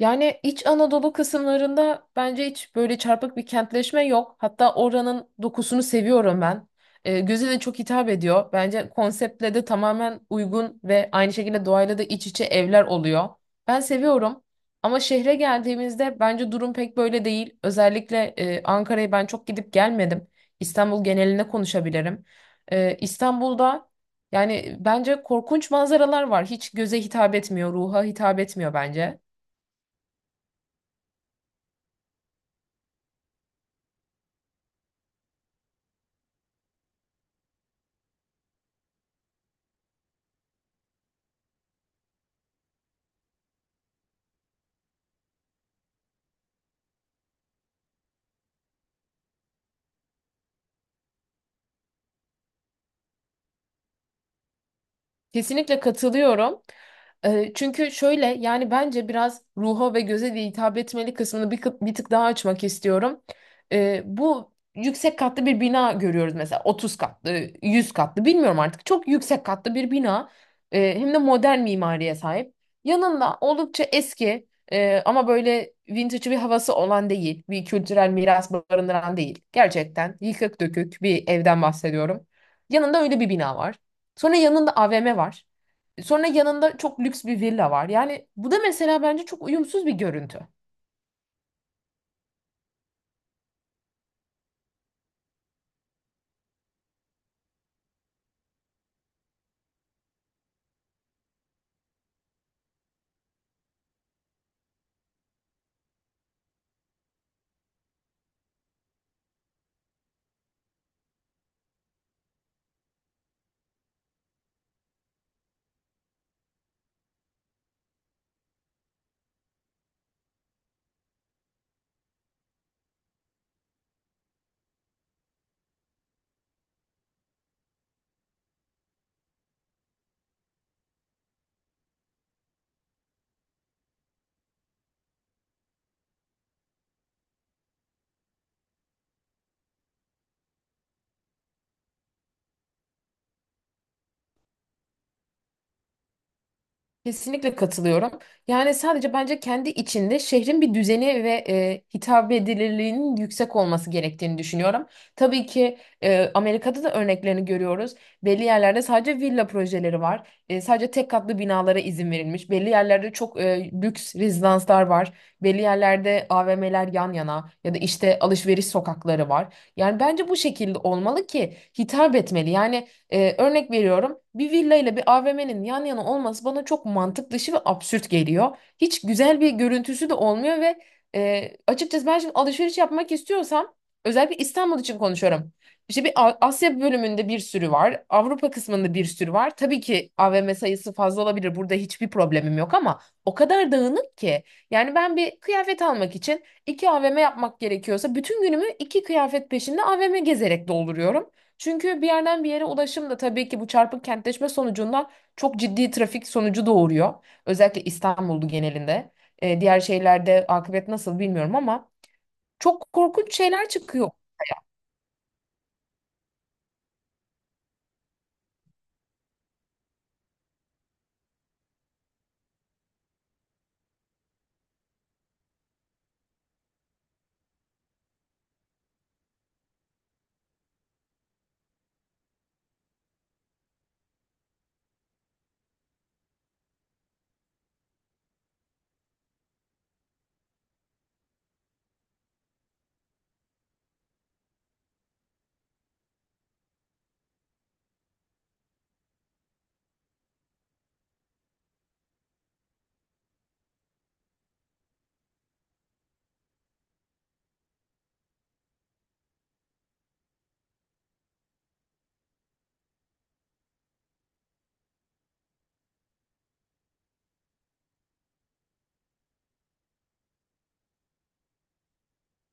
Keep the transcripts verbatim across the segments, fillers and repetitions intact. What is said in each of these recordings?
Yani İç Anadolu kısımlarında bence hiç böyle çarpık bir kentleşme yok. Hatta oranın dokusunu seviyorum ben. E, göze de çok hitap ediyor. Bence konseptle de tamamen uygun ve aynı şekilde doğayla da iç içe evler oluyor. Ben seviyorum. Ama şehre geldiğimizde bence durum pek böyle değil. Özellikle e, Ankara'ya ben çok gidip gelmedim. İstanbul genelinde konuşabilirim. E, İstanbul'da yani e, bence korkunç manzaralar var. Hiç göze hitap etmiyor, ruha hitap etmiyor bence. Kesinlikle katılıyorum. Ee, Çünkü şöyle yani bence biraz ruha ve göze de hitap etmeli kısmını bir, kı- bir tık daha açmak istiyorum. Ee, bu yüksek katlı bir bina görüyoruz mesela otuz katlı, yüz katlı bilmiyorum artık. Çok yüksek katlı bir bina. Ee, hem de modern mimariye sahip. Yanında oldukça eski e, ama böyle vintage bir havası olan değil, bir kültürel miras barındıran değil. Gerçekten yıkık dökük bir evden bahsediyorum. Yanında öyle bir bina var. Sonra yanında AVM var. Sonra yanında çok lüks bir villa var. Yani bu da mesela bence çok uyumsuz bir görüntü. Kesinlikle katılıyorum. Yani sadece bence kendi içinde şehrin bir düzeni ve e, hitap edilirliğinin yüksek olması gerektiğini düşünüyorum. Tabii ki e, Amerika'da da örneklerini görüyoruz. Belli yerlerde sadece villa projeleri var. E, sadece tek katlı binalara izin verilmiş. Belli yerlerde çok e, lüks rezidanslar var. Belli yerlerde AVM'ler yan yana ya da işte alışveriş sokakları var. Yani bence bu şekilde olmalı ki hitap etmeli. Yani ee, örnek veriyorum, bir villa ile bir AVM'nin yan yana olması bana çok mantık dışı ve absürt geliyor. Hiç güzel bir görüntüsü de olmuyor ve e, açıkçası ben şimdi alışveriş yapmak istiyorsam, özellikle İstanbul için konuşuyorum. İşte bir A- Asya bölümünde bir sürü var. Avrupa kısmında bir sürü var. Tabii ki AVM sayısı fazla olabilir. Burada hiçbir problemim yok ama o kadar dağınık ki. Yani ben bir kıyafet almak için iki AVM yapmak gerekiyorsa bütün günümü iki kıyafet peşinde AVM gezerek dolduruyorum. Çünkü bir yerden bir yere ulaşım da tabii ki bu çarpık kentleşme sonucunda çok ciddi trafik sonucu doğuruyor. Özellikle İstanbul'du genelinde. Ee, diğer şehirlerde akıbet nasıl bilmiyorum ama çok korkunç şeyler çıkıyor.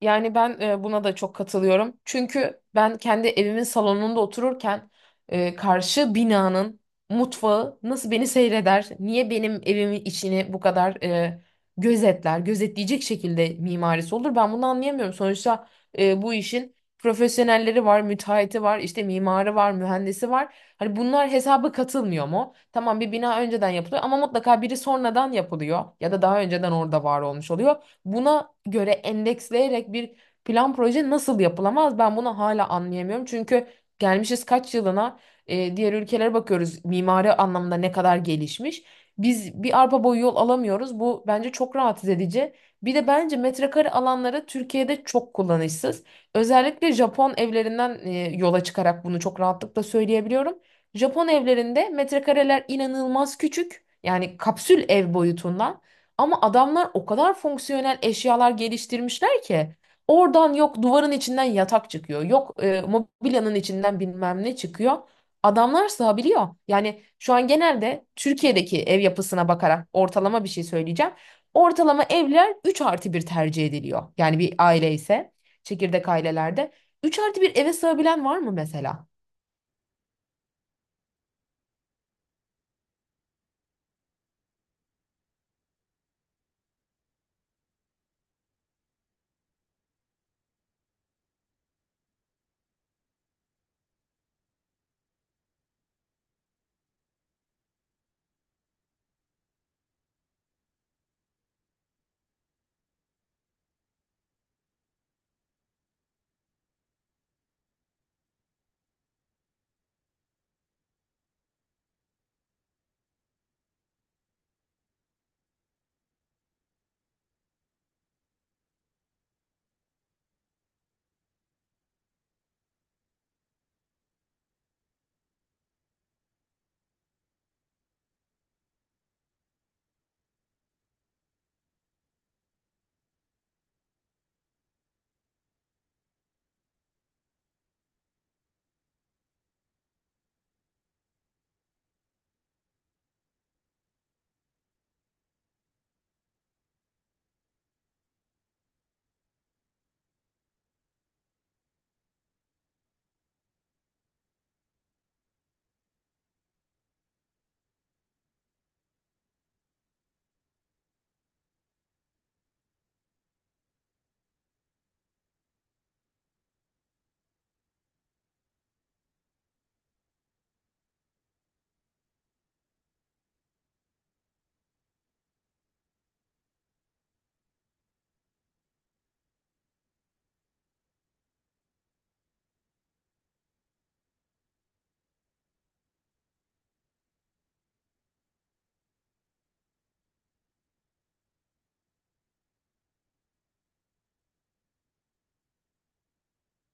Yani ben e, buna da çok katılıyorum. Çünkü ben kendi evimin salonunda otururken e, karşı binanın mutfağı nasıl beni seyreder, niye benim evimin içini bu kadar e, gözetler, gözetleyecek şekilde mimarisi olur, ben bunu anlayamıyorum. Sonuçta e, bu işin profesyonelleri var, müteahhiti var, işte mimarı var, mühendisi var. Hani bunlar hesaba katılmıyor mu? Tamam, bir bina önceden yapılıyor ama mutlaka biri sonradan yapılıyor ya da daha önceden orada var olmuş oluyor. Buna göre endeksleyerek bir plan proje nasıl yapılamaz? Ben bunu hala anlayamıyorum. Çünkü gelmişiz kaç yılına, e, diğer ülkelere bakıyoruz mimari anlamda ne kadar gelişmiş. Biz bir arpa boyu yol alamıyoruz. Bu bence çok rahatsız edici. Bir de bence metrekare alanları Türkiye'de çok kullanışsız. Özellikle Japon evlerinden e, yola çıkarak bunu çok rahatlıkla söyleyebiliyorum. Japon evlerinde metrekareler inanılmaz küçük. Yani kapsül ev boyutunda. Ama adamlar o kadar fonksiyonel eşyalar geliştirmişler ki oradan, yok duvarın içinden yatak çıkıyor, yok e, mobilyanın içinden bilmem ne çıkıyor. Adamlar sığabiliyor. Yani şu an genelde Türkiye'deki ev yapısına bakarak ortalama bir şey söyleyeceğim. Ortalama evler üç artı bir tercih ediliyor. Yani bir aile ise, çekirdek ailelerde üç artı bir eve sığabilen var mı mesela?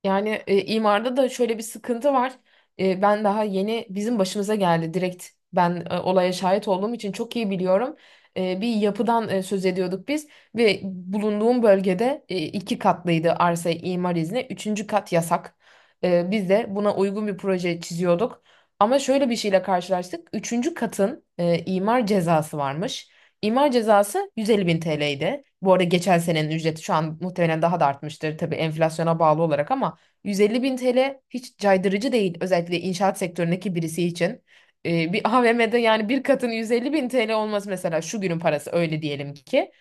Yani e, imarda da şöyle bir sıkıntı var. E, ben daha yeni, bizim başımıza geldi direkt. Ben e, olaya şahit olduğum için çok iyi biliyorum. E, bir yapıdan e, söz ediyorduk biz ve bulunduğum bölgede e, iki katlıydı arsa imar izni. Üçüncü kat yasak. E, biz de buna uygun bir proje çiziyorduk. Ama şöyle bir şeyle karşılaştık. Üçüncü katın e, imar cezası varmış. İmar cezası yüz elli bin T L'ydi. Bu arada geçen senenin ücreti, şu an muhtemelen daha da artmıştır tabii enflasyona bağlı olarak, ama yüz elli bin T L hiç caydırıcı değil, özellikle inşaat sektöründeki birisi için. Ee, bir AVM'de yani bir katın yüz elli bin T L olması, mesela şu günün parası öyle diyelim ki,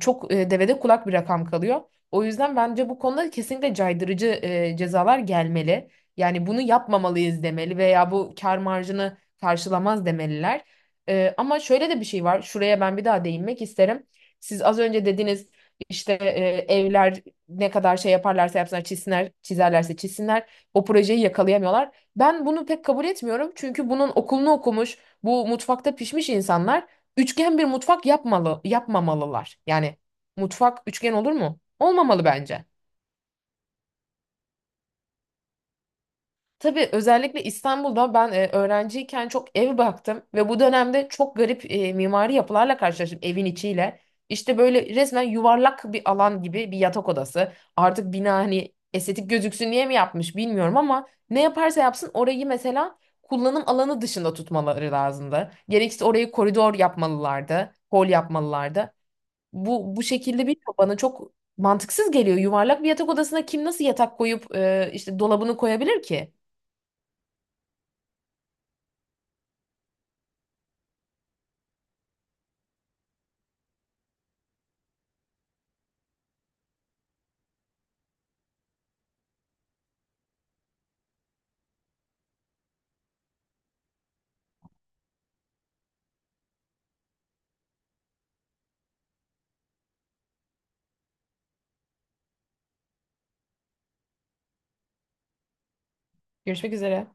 çok e, devede kulak bir rakam kalıyor. O yüzden bence bu konuda kesinlikle caydırıcı e, cezalar gelmeli. Yani bunu yapmamalıyız demeli veya bu kar marjını karşılamaz demeliler. E, ama şöyle de bir şey var. Şuraya ben bir daha değinmek isterim. Siz az önce dediniz, işte e, evler ne kadar şey yaparlarsa yapsınlar, çizsinler, çizerlerse çizsinler o projeyi yakalayamıyorlar. Ben bunu pek kabul etmiyorum. Çünkü bunun okulunu okumuş, bu mutfakta pişmiş insanlar üçgen bir mutfak yapmalı, yapmamalılar. Yani mutfak üçgen olur mu? Olmamalı bence. Tabii, özellikle İstanbul'da ben e, öğrenciyken çok ev baktım ve bu dönemde çok garip e, mimari yapılarla karşılaştım evin içiyle. İşte böyle resmen yuvarlak bir alan gibi bir yatak odası. Artık bina hani estetik gözüksün diye mi yapmış bilmiyorum ama ne yaparsa yapsın, orayı mesela kullanım alanı dışında tutmaları lazımdı. Gerekirse orayı koridor yapmalılardı, hol yapmalılardı. Bu bu şekilde bir, bana çok mantıksız geliyor. Yuvarlak bir yatak odasına kim nasıl yatak koyup e, işte dolabını koyabilir ki? Görüşmek üzere.